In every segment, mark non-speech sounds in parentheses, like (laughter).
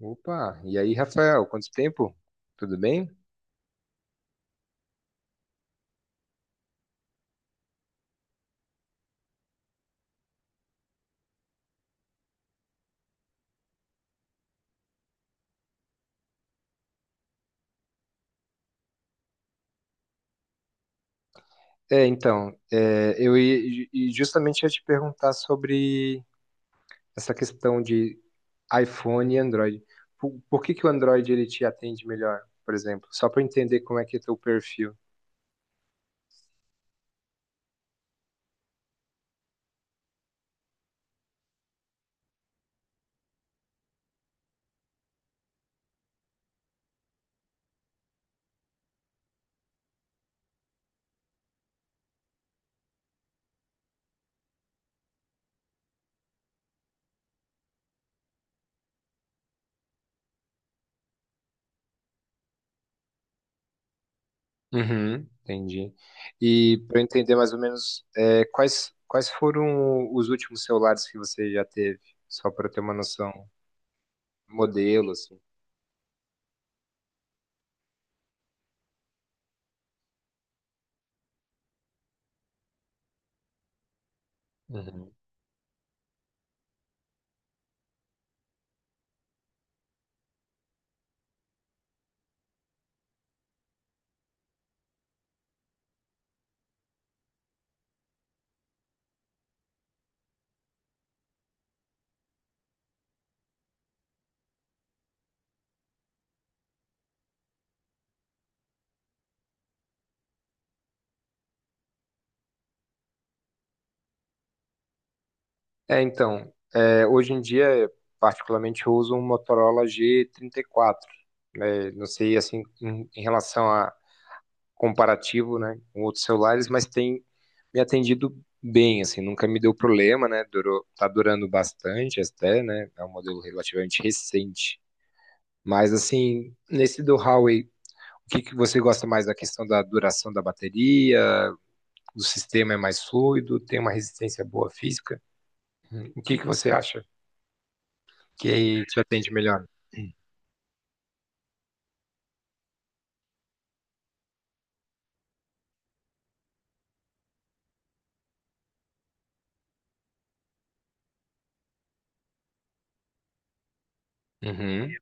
Opa, e aí, Rafael, quanto tempo? Tudo bem? É, então, e justamente ia te perguntar sobre essa questão de iPhone e Android. Por que que o Android ele te atende melhor, por exemplo? Só para entender como é que é teu perfil. Uhum, entendi. E para entender mais ou menos quais foram os últimos celulares que você já teve, só para ter uma noção, modelo, assim. Uhum. É, então, hoje em dia, particularmente, eu uso um Motorola G34, né? Não sei, assim, em relação a comparativo, né, com outros celulares, mas tem me atendido bem, assim, nunca me deu problema, né, durou, tá durando bastante até, né, é um modelo relativamente recente. Mas, assim, nesse do Huawei, o que que você gosta mais da questão da duração da bateria? O sistema é mais fluido, tem uma resistência boa física? O que que você acha? Que aí te atende melhor. Uhum,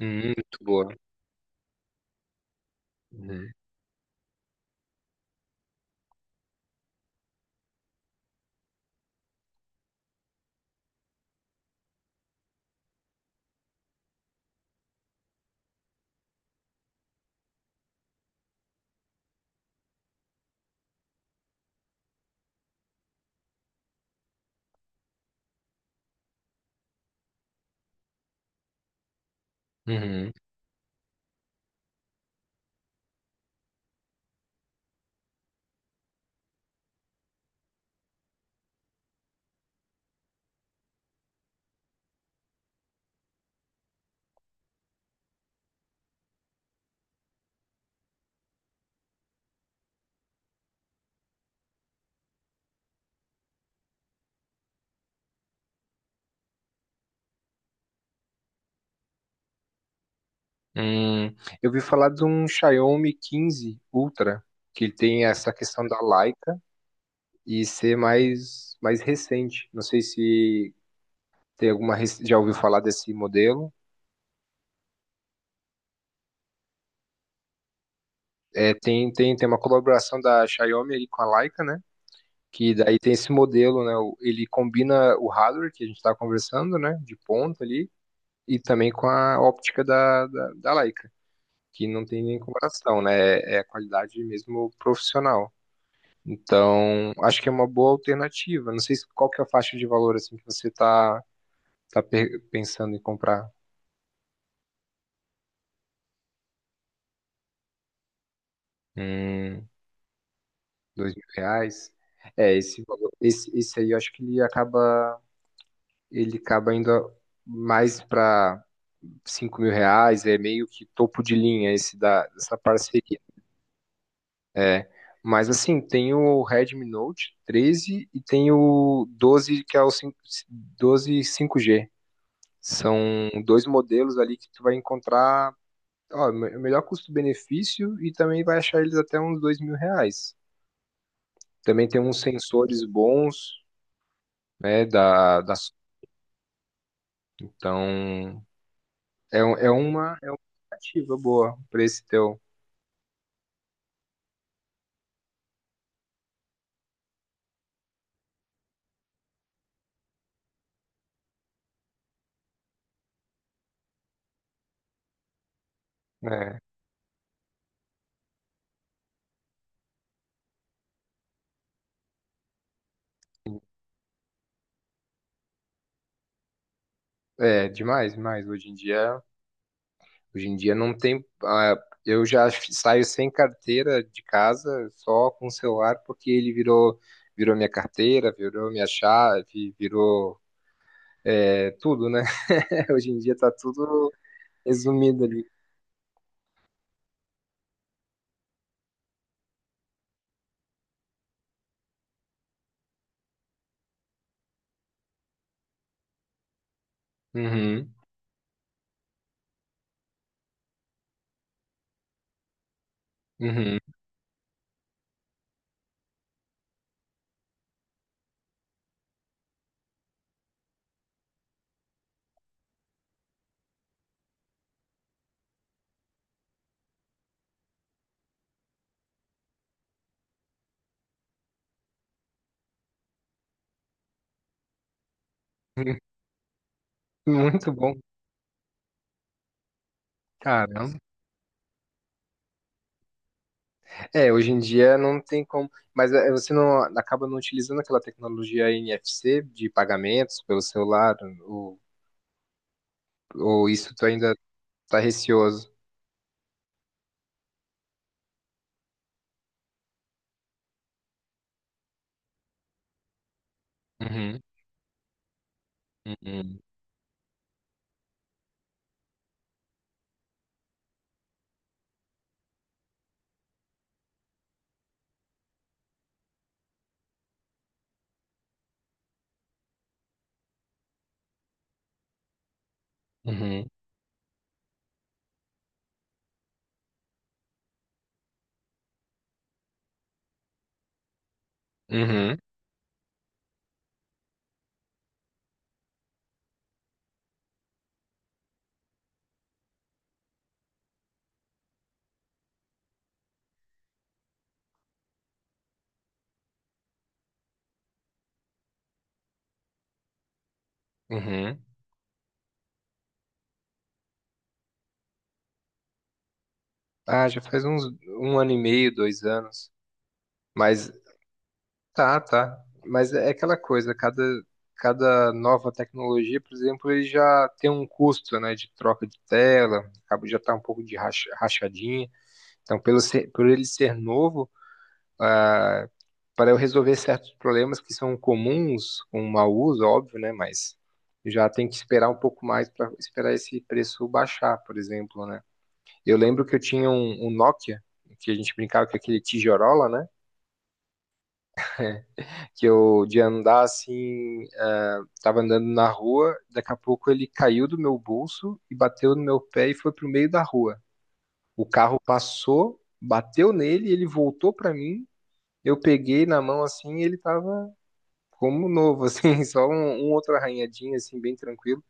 uhum, muito boa. Uhum, uhum. Hum, eu vi falar de um Xiaomi 15 Ultra, que ele tem essa questão da Leica e ser mais recente. Não sei se tem alguma, já ouviu falar desse modelo. É, tem uma colaboração da Xiaomi ali com a Leica, né? Que daí tem esse modelo, né? Ele combina o hardware que a gente está conversando, né? De ponta ali, e também com a óptica da, da Leica. Que não tem nem comparação, né? É a qualidade mesmo profissional. Então, acho que é uma boa alternativa. Não sei qual que é a faixa de valor assim que você tá pensando em comprar. Hum, dois mil reais. É, esse valor, esse aí eu acho que ele acaba indo mais para R$ 5.000, é meio que topo de linha esse da, dessa parceria. É, mas assim, tem o Redmi Note 13 e tem o 12, que é o 5, 12 5G. São dois modelos ali que tu vai encontrar, ó, melhor custo-benefício e também vai achar eles até uns R$ 2.000. Também tem uns sensores bons, né, da, da... Então, é, é uma alternativa boa pra esse teu, né? É, demais, demais. Hoje em dia não tem. Ah, eu já saio sem carteira de casa, só com o celular, porque ele virou minha carteira, virou minha chave, virou tudo, né? (laughs) Hoje em dia tá tudo resumido ali. Uhum, uhum. (laughs) Muito bom. Caramba. É, hoje em dia não tem como. Mas é, você não acaba não utilizando aquela tecnologia NFC de pagamentos pelo celular, ou, ou isso tu ainda tá receoso. Uhum, uhum, uhum. Uhum, uhum. Ah, já faz uns um ano e meio, 2 anos. Mas tá, tá. Mas é aquela coisa, cada nova tecnologia, por exemplo, ele já tem um custo, né, de troca de tela, acaba já tá um pouco de rachadinha. Então, por ele ser novo, ah, para eu resolver certos problemas que são comuns com o mau uso, óbvio, né, mas já tem que esperar um pouco mais para esperar esse preço baixar, por exemplo, né? Eu lembro que eu tinha um Nokia, que a gente brincava com aquele tijorola, né? Que eu de andar assim, tava andando na rua, daqui a pouco ele caiu do meu bolso e bateu no meu pé e foi pro meio da rua. O carro passou, bateu nele, ele voltou pra mim, eu peguei na mão assim e ele tava como novo, assim, (laughs) só um outro arranhadinho, assim, bem tranquilo.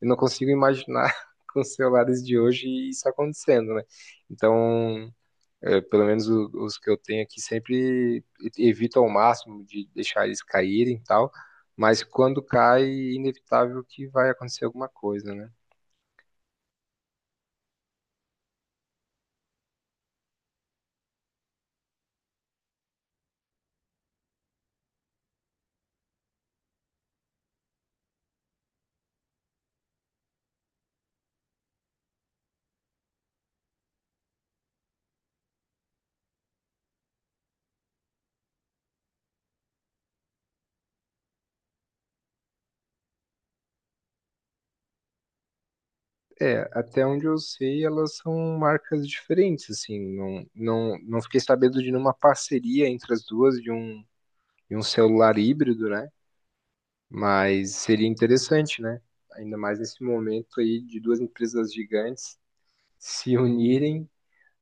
Eu não consigo imaginar (laughs) com os celulares de hoje isso acontecendo, né? Então, é, pelo menos os que eu tenho aqui sempre evito ao máximo de deixar eles caírem e tal, mas quando cai, é inevitável que vai acontecer alguma coisa, né? É, até onde eu sei, elas são marcas diferentes, assim, não, não, não fiquei sabendo de nenhuma parceria entre as duas de um, celular híbrido, né? Mas seria interessante, né? Ainda mais nesse momento aí de duas empresas gigantes se unirem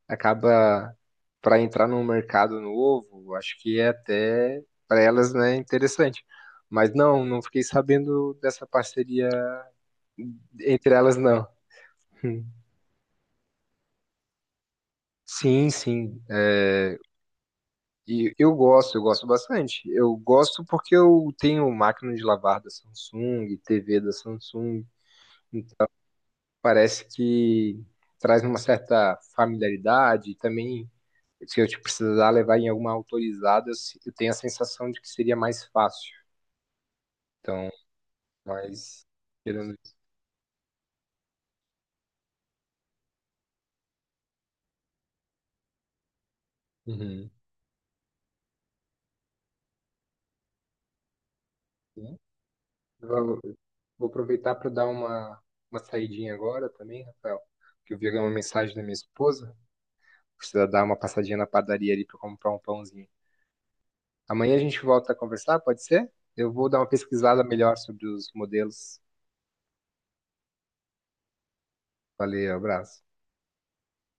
acaba para entrar num mercado novo, acho que é até para elas, né, interessante. Mas não, não fiquei sabendo dessa parceria entre elas, não. (laughs) Sim, sim. É, e eu gosto bastante. Eu gosto porque eu tenho máquina de lavar da Samsung, TV da Samsung. Parece que traz uma certa familiaridade. E também, se eu te precisar levar em alguma autorizada, eu se- eu tenho a sensação de que seria mais fácil. Então, mas tirando isso. Uhum. Sim. Vou, vou aproveitar para dar uma saidinha agora também, Rafael, que eu vi uma mensagem da minha esposa. Precisa dar uma passadinha na padaria ali para comprar um pãozinho. Amanhã a gente volta a conversar, pode ser? Eu vou dar uma pesquisada melhor sobre os modelos. Valeu, abraço.